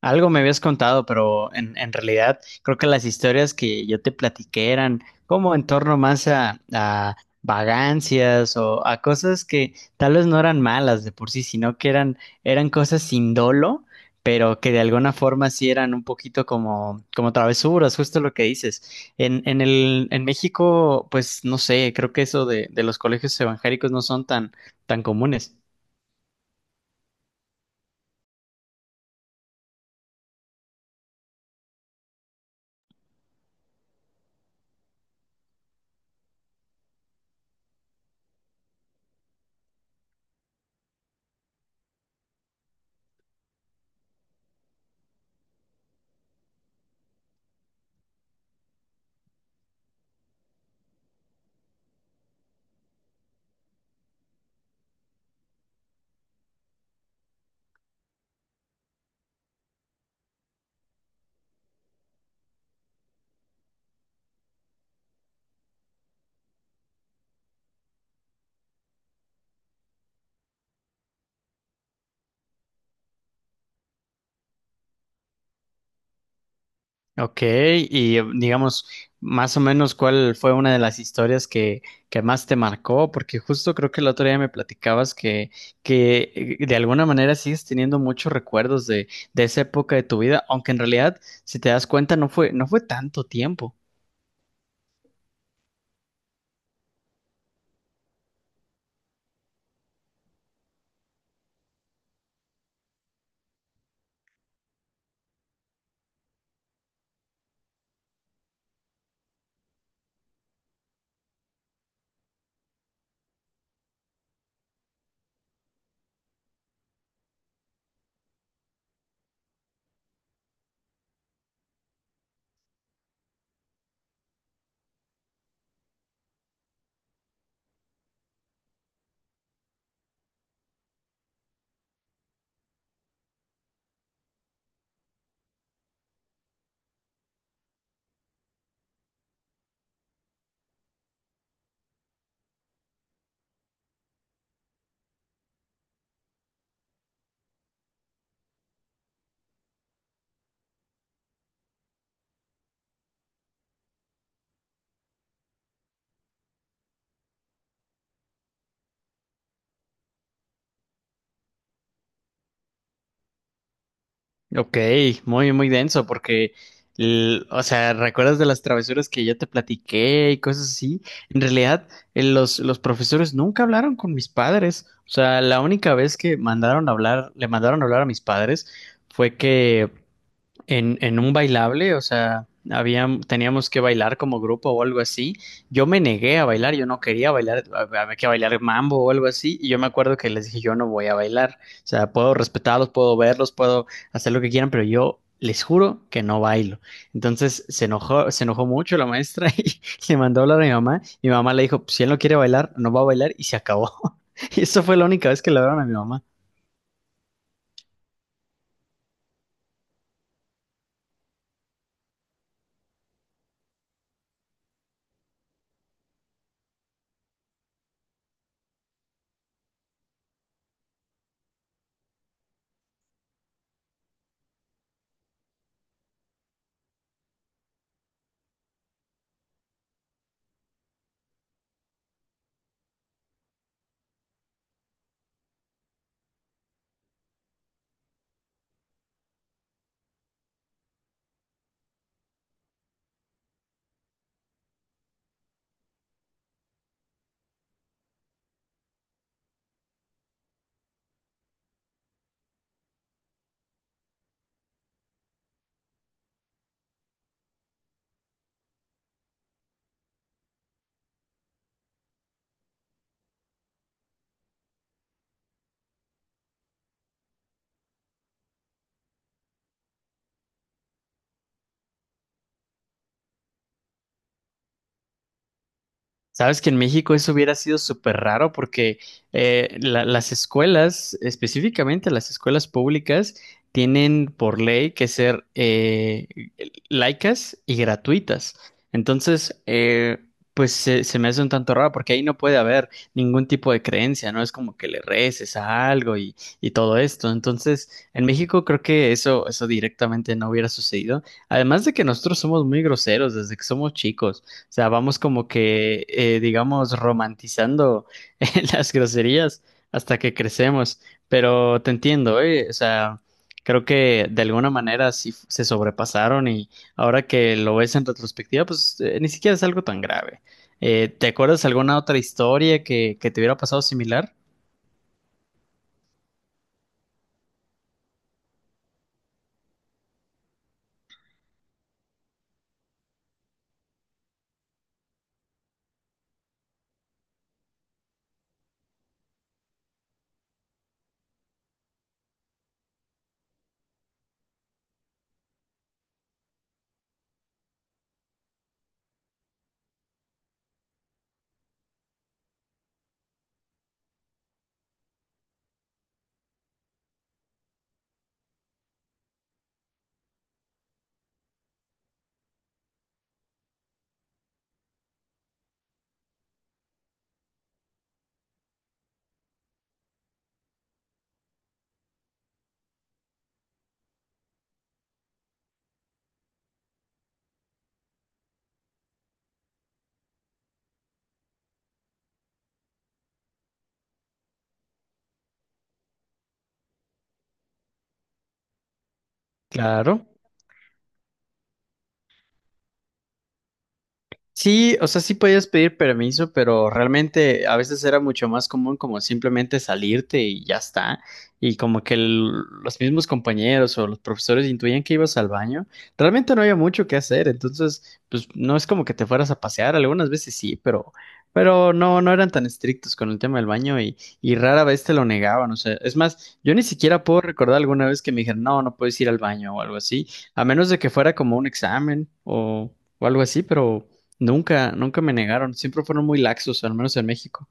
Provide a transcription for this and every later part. Algo me habías contado, pero en realidad creo que las historias que yo te platiqué eran como en torno más a vagancias o a cosas que tal vez no eran malas de por sí, sino que eran cosas sin dolo, pero que de alguna forma sí eran un poquito como travesuras, justo lo que dices. En México, pues no sé, creo que eso de los colegios evangélicos no son tan comunes. Ok, y digamos, más o menos, ¿cuál fue una de las historias que más te marcó? Porque justo creo que el otro día me platicabas que de alguna manera sigues teniendo muchos recuerdos de esa época de tu vida, aunque en realidad, si te das cuenta, no fue tanto tiempo. Ok, muy denso, porque, o sea, ¿recuerdas de las travesuras que yo te platiqué y cosas así? En realidad, los profesores nunca hablaron con mis padres. O sea, la única vez que mandaron a hablar, le mandaron a hablar a mis padres fue que en un bailable, o sea, había, teníamos que bailar como grupo o algo así. Yo me negué a bailar, yo no quería bailar, había que bailar mambo o algo así. Y yo me acuerdo que les dije, yo no voy a bailar. O sea, puedo respetarlos, puedo verlos, puedo hacer lo que quieran, pero yo les juro que no bailo. Entonces se enojó mucho la maestra y le mandó a hablar a mi mamá. Mi mamá le dijo, "Pues, si él no quiere bailar, no va a bailar y se acabó." Y eso fue la única vez que le hablaron a mi mamá. Sabes que en México eso hubiera sido súper raro porque las escuelas, específicamente las escuelas públicas, tienen por ley que ser laicas y gratuitas. Entonces, pues se me hace un tanto raro porque ahí no puede haber ningún tipo de creencia, ¿no? Es como que le reces a algo y todo esto. Entonces, en México creo que eso directamente no hubiera sucedido. Además de que nosotros somos muy groseros desde que somos chicos. O sea, vamos como que, digamos, romantizando las groserías hasta que crecemos. Pero te entiendo, ¿eh? O sea, creo que de alguna manera sí se sobrepasaron y ahora que lo ves en retrospectiva, pues ni siquiera es algo tan grave. ¿Te acuerdas alguna otra historia que te hubiera pasado similar? Claro. Sí, o sea, sí podías pedir permiso, pero realmente a veces era mucho más común como simplemente salirte y ya está. Y como que los mismos compañeros o los profesores intuían que ibas al baño, realmente no había mucho que hacer. Entonces, pues no es como que te fueras a pasear, algunas veces sí, pero no, no eran tan estrictos con el tema del baño y rara vez te lo negaban. O sea, es más, yo ni siquiera puedo recordar alguna vez que me dijeron, no, no puedes ir al baño o algo así, a menos de que fuera como un examen o algo así, pero... Nunca, nunca me negaron. Siempre fueron muy laxos, al menos en México.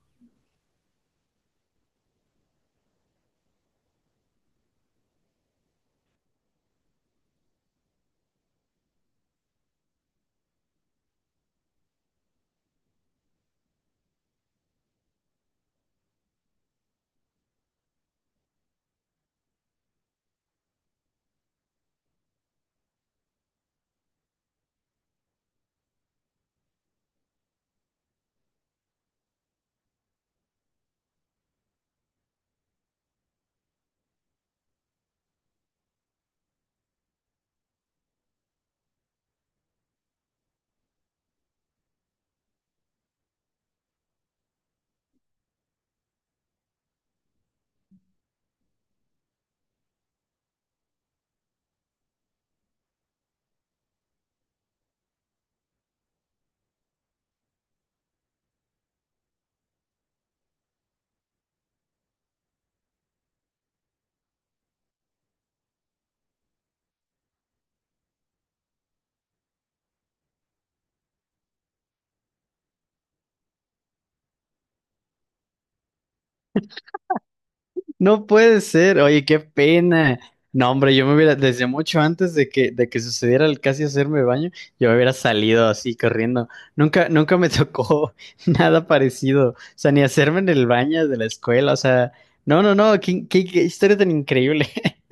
No puede ser. Oye, qué pena. No, hombre, yo me hubiera, desde mucho antes de que sucediera el casi hacerme baño, yo me hubiera salido así corriendo. Nunca, nunca me tocó nada parecido. O sea, ni hacerme en el baño de la escuela. O sea, no. Qué historia tan increíble.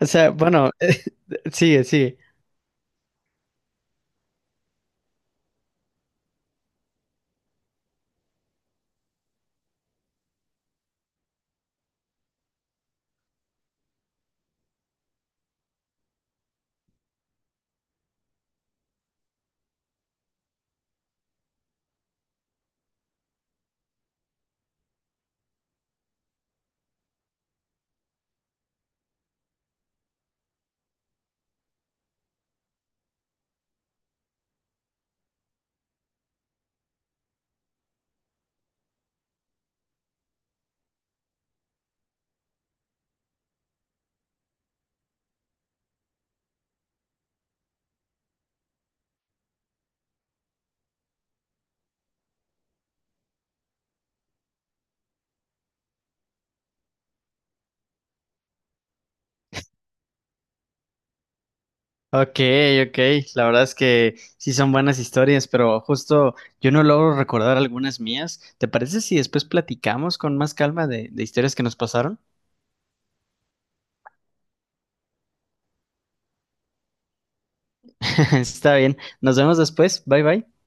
O sea, bueno, sigue. Ok, ok, la verdad es que sí son buenas historias, pero justo yo no logro recordar algunas mías. ¿Te parece si después platicamos con más calma de historias que nos pasaron? Está bien, nos vemos después, bye bye.